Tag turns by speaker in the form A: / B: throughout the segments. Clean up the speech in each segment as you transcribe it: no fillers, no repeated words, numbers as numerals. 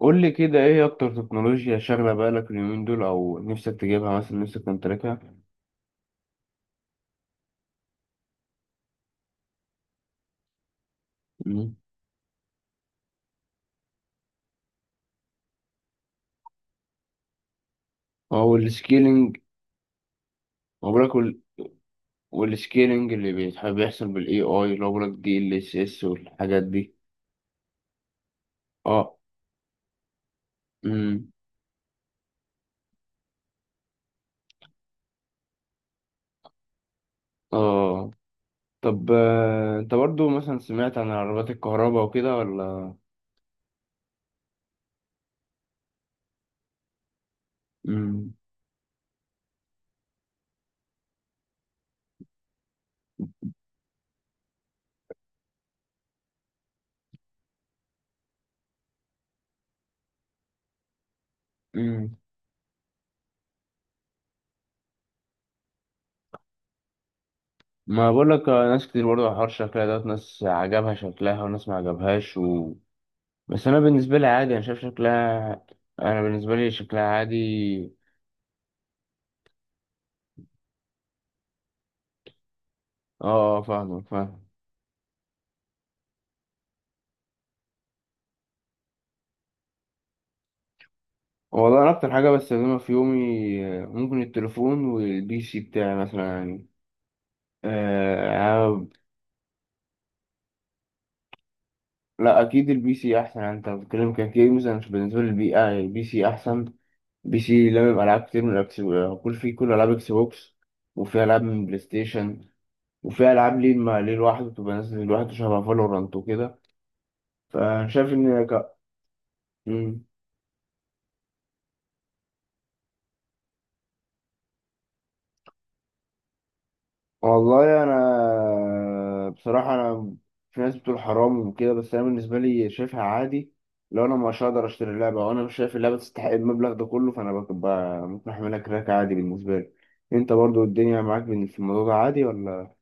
A: قول لي كده، ايه اكتر تكنولوجيا شاغله بالك اليومين دول او نفسك تجيبها، مثلا نفسك تمتلكها؟ مم. هو السكيلينج، هو بقولك والسكيلينج اللي بيتحب بيحصل بالاي اي، اللي هو بقولك دي ال اس اس والحاجات دي. اه. امم. اه. طب، انت برضو مثلا سمعت عن عربات الكهرباء وكده ولا؟ امم. امم. ما بقولك، ناس كتير برضو على حوار شكلها، دوت ناس عجبها شكلها وناس ما عجبهاش. بس انا بالنسبه لي عادي، انا شايف شكلها. انا بالنسبه لي شكلها عادي. اه، فاهمك فاهم. والله انا اكتر حاجه بستخدمها في يومي، ممكن التليفون والبي سي بتاعي مثلا يعني. آه أنا- لا، اكيد البي سي احسن. يعني انت بتتكلم كجيمز، انا بالنسبه لي البي، يعني البي سي احسن. بي سي لما العاب كتير من الاكس، فيه كل العاب اكس بوكس. وفي العاب من بلاي ستيشن. وفي العاب ليه، ليه لوحده، بتبقى نازله لوحده شبه فالورانت وكده. فانا شايف ان مم. والله انا بصراحه في ناس بتقول حرام وكده، بس انا بالنسبه لي شايفها عادي. لو انا مش هقدر اشتري اللعبه وانا مش شايف اللعبه تستحق المبلغ ده كله، فانا ببقى ممكن احملها كراك عادي بالنسبه لي. انت برضو الدنيا معاك في الموضوع ده عادي ولا؟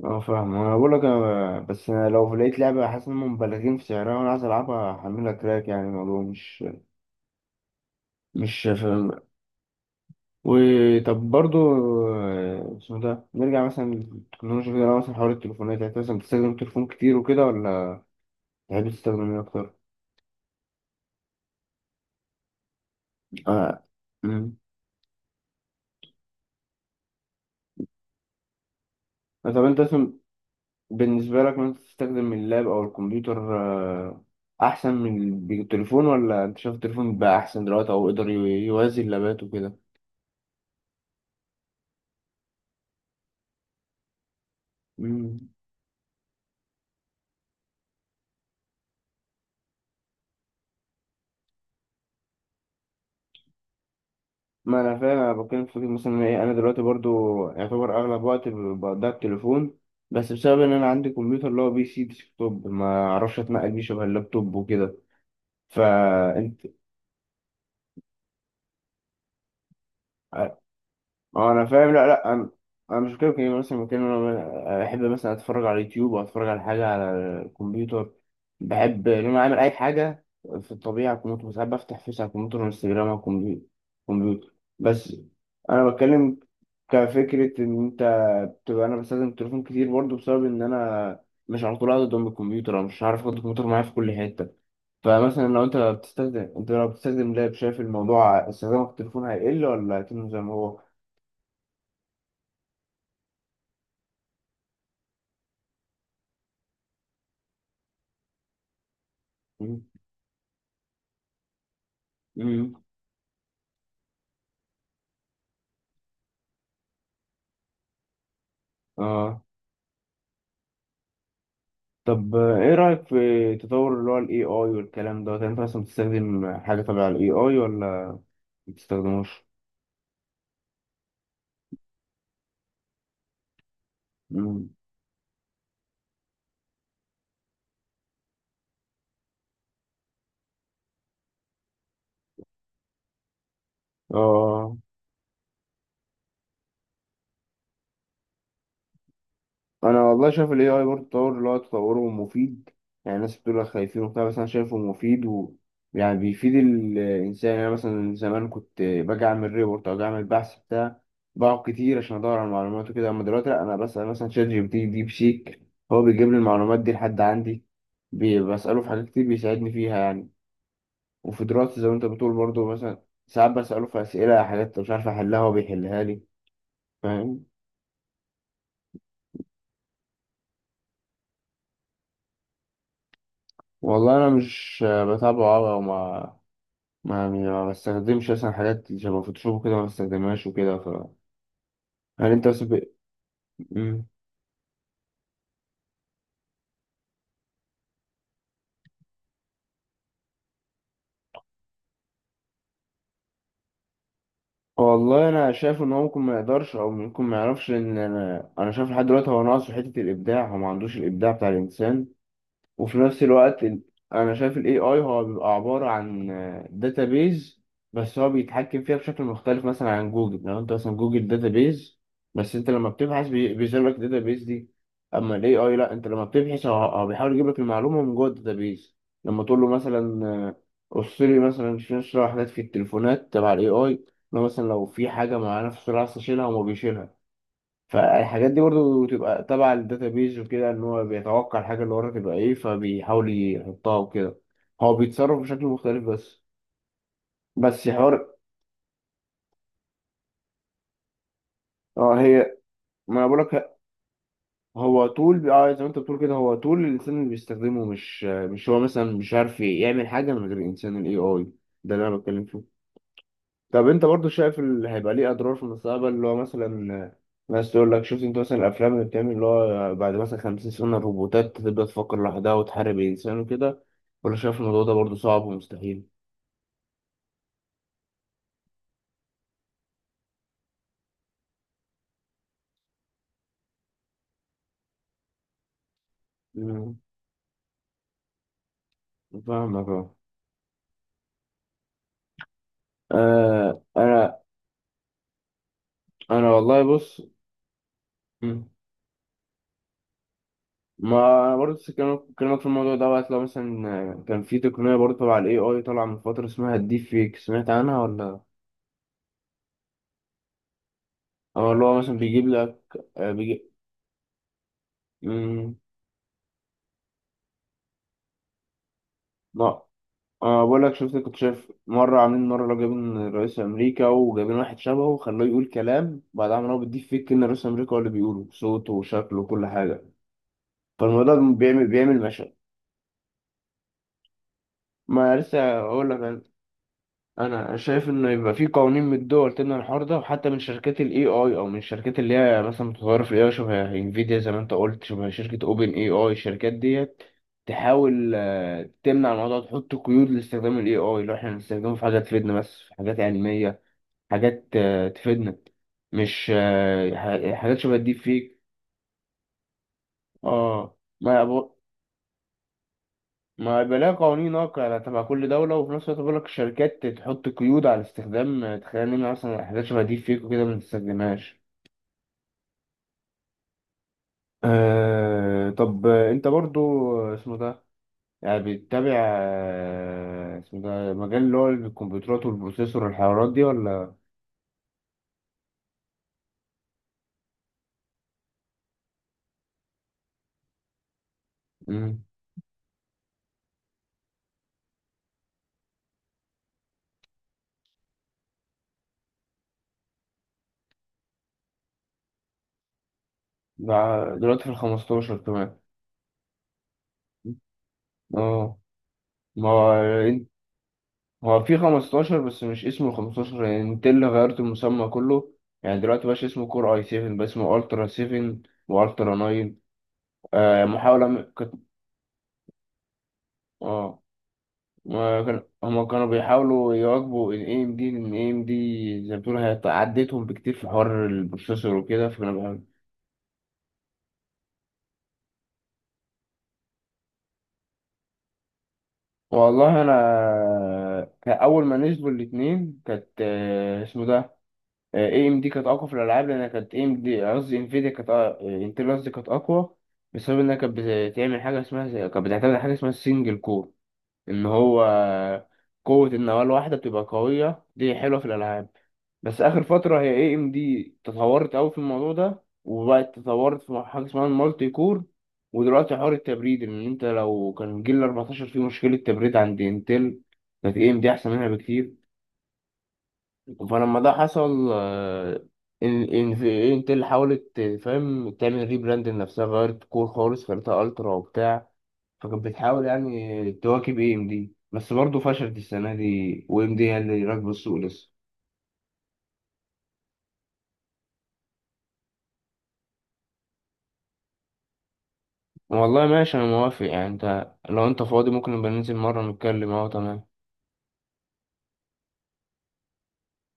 A: اه، فاهم. انا بقول لك، انا بس أنا لو لقيت لعبه حاسس انهم مبالغين في سعرها وانا عايز العبها هحملها كراك، يعني الموضوع مش. وطب برضو، اسمه ده نرجع مثلا للتكنولوجيا كده. لو مثلا حوار التليفونات يعني، انت مثلا بتستخدم التليفون كتير وكده ولا تحب تستخدم ايه اكتر؟ آه. مم. طب انت مثلا، بالنسبة لك مثلا تستخدم اللاب او الكمبيوتر، آه، احسن من التليفون ولا انت شايف التليفون بقى احسن دلوقتي او يقدر يوازي اللابات وكده؟ مم. ما انا فاهم، انا بتكلم في فكرة مثلا ايه. انا دلوقتي برضو يعتبر اغلب وقت بقضيه على التليفون. بس بسبب ان انا عندي كمبيوتر، اللي هو بي سي ديسكتوب، ما اعرفش اتنقل بيه شبه اللابتوب وكده. فانت. اه انا فاهم. لا، لا، انا مش كده كده مثلا. ممكن انا بحب مثلا اتفرج على اليوتيوب او اتفرج على حاجه على الكمبيوتر. بحب ان انا اعمل اي حاجه في الطبيعه على الكمبيوتر. ساعات بفتح فيس على الكمبيوتر وانستجرام على الكمبيوتر. كمبيوتر بس. انا بتكلم كفكره، ان انت بتبقى، انا بستخدم التليفون كتير برضه بسبب ان انا مش على طول قاعد قدام الكمبيوتر، او مش عارف اخد الكمبيوتر معايا في كل حته. فمثلا لو انت بتستخدم انت لو بتستخدم لاب، شايف الموضوع استخدامك في التليفون هيقل ولا هيكمل زي ما هو؟ امم. اه. طب، ايه رأيك في تطور اللي هو ال AI والكلام ده؟ انت اصلا بتستخدم حاجة تبع ال AI ولا ما بتستخدموش؟ امم. اه. انا والله شايف الاي اي برضه تطور، اللي هو تطوره مفيد. يعني الناس بتقول لك خايفين وبتاع، بس انا شايفه مفيد و يعني بيفيد الانسان. يعني أنا مثلا زمان كنت باجي اعمل ريبورت او أجي اعمل بحث بتاع، بقعد كتير عشان ادور على معلومات وكده. اما دلوقتي لا، انا بسال مثلا شات جي بي تي، ديب سيك. هو بيجيب لي المعلومات دي لحد عندي. بساله في حاجات كتير بيساعدني فيها يعني. وفي دراستي زي ما انت بتقول برضه مثلا، ساعات بساله في اسئله، حاجات مش عارف احلها هو بيحلها لي. فاهم. والله انا مش بتابعه أوي، وما ما ما بستخدمش مثلا حاجات شبه فوتوشوب كده ما بستخدمهاش وكده ف. هل انت مثلا مم. والله انا شايف ان هو ممكن ما يقدرش، او ممكن ما يعرفش. ان انا شايف لحد دلوقتي هو ناقصه حته الابداع، هو ما عندوش الابداع بتاع الانسان. وفي نفس الوقت انا شايف الاي اي هو بيبقى عباره عن داتابيز، بس هو بيتحكم فيها بشكل مختلف مثلا عن جوجل. لو انت مثلا، جوجل داتابيز، بس انت لما بتبحث بيظهر لك الداتابيز دي. اما الاي اي لا، انت لما بتبحث هو بيحاول يجيب لك المعلومه من جوه الداتابيز. لما تقول له مثلا، قص لي مثلا شنو شنو حاجات في التليفونات تبع الاي اي. لو مثلا في حاجه معينه في السرعه عايز تشيلها وما بيشيلها. فالحاجات دي برضو تبقى تبع الداتابيز وكده، ان هو بيتوقع الحاجه اللي ورا تبقى ايه، فبيحاول يحطها وكده. هو بيتصرف بشكل مختلف بس حوار. اه هي. ما انا بقولك، هو طول، اه زي ما انت بتقول كده، هو طول الانسان اللي بيستخدمه. مش هو مثلا مش عارف يعمل حاجه من غير الانسان، الاي اي. ده اللي انا بتكلم فيه. طب انت برضو، شايف اللي هيبقى ليه اضرار في المستقبل، اللي هو مثلا، بس تقول لك شفت انت مثلا الافلام اللي بتعمل، اللي هو بعد مثلا 50 سنه الروبوتات تبدا تفكر لوحدها وتحارب الانسان وكده؟ ولا شايف الموضوع ده برضه صعب ومستحيل؟ مم. فاهمك اه. آه، انا انا والله بص. مم. ما انا برضه لسه كلامك في الموضوع ده، وقت لو مثلا كان في تقنيه برضه تبع الاي اي طالعه من فتره اسمها الديب فيك، سمعت عنها ولا؟ او اللي هو مثلا بيجيب لك، آه، بيجي... مم. أه، بقول لك شفت، كنت شايف مرة عاملين مرة، لو جايبين رئيس أمريكا وجايبين واحد شبهه وخلوه يقول كلام، بعد عمل هو بيديه فيك، إن رئيس أمريكا هو اللي بيقوله بصوته وشكله وكل حاجة. فالموضوع ده بيعمل مشاكل. ما لسه أقول لك أنا. أنا شايف إن يبقى في قوانين من الدول تمنع الحوار ده، وحتى من شركات ال AI أو من الشركات اللي هي مثلا متطورة في ال AI، شبه انفيديا زي ما أنت قلت، شبه شركة أوبن AI. الشركات ديت تحاول تمنع الموضوع، تحط قيود لاستخدام ال AI، لو إحنا هنستخدمه في حاجة تفيدنا بس في حاجات علمية، حاجات تفيدنا. مش، حاجات شبه الديب فيك. اه، ما يبقى لها قوانين واقعة تبع كل دولة. وفي نفس الوقت بقول لك الشركات تحط قيود على استخدام، تخلينا نمنع مثلا حاجات شبه الديب فيك وكده ما نستخدمهاش. طب، انت برضو، اسمه ده يعني بتتابع، اسمه ده، مجال اللي هو الكمبيوترات والبروسيسور والحوارات دي ولا؟ مم. ده دلوقتي في الخمستاشر كمان. اه. ما هو في 15 بس مش اسمه 15، يعني نتيلا غيرت المسمى كله. يعني دلوقتي مبقاش اسمه كور اي 7، بقى اسمه الترا 7 والترا 9. محاولة اه. ما كان... هما كانوا بيحاولوا يواكبوا ال اي ام دي، لان اي ام دي زي ما بتقول هي عدتهم بكتير في حوار البروسيسور وكده، فكانوا بيحاولوا. والله انا كأول ما نزلوا الاتنين كانت، اسمه ده، اي ام دي كانت اقوى في الالعاب، لان كانت اي ام دي، قصدي انفيديا كانت، انتل قصدي كانت اقوى، بسبب انها كانت بتعمل حاجه اسمها كانت بتعتمد على حاجه اسمها السنجل كور، ان هو. قوه النواه الواحده بتبقى قويه، دي حلوه في الالعاب. بس اخر فتره، هي اي ام دي تطورت قوي في الموضوع ده، وبقت تطورت في حاجه اسمها المالتي كور. ودلوقتي حوار التبريد، ان انت لو كان جيل 14 فيه مشكله تبريد عند انتل، كانت اي ام دي احسن منها بكتير. فلما ده حصل، ان في انت اللي حاولت، فاهم، تعمل ريبراند لنفسها، غيرت كور خالص خليتها الترا وبتاع. فكانت بتحاول يعني تواكب اي ام دي، بس برضه فشلت السنه دي، و ام دي هي اللي راكبه السوق لسه. والله ماشي، انا موافق. يعني انت لو فاضي ممكن نبقى ننزل مره نتكلم، اهو تمام.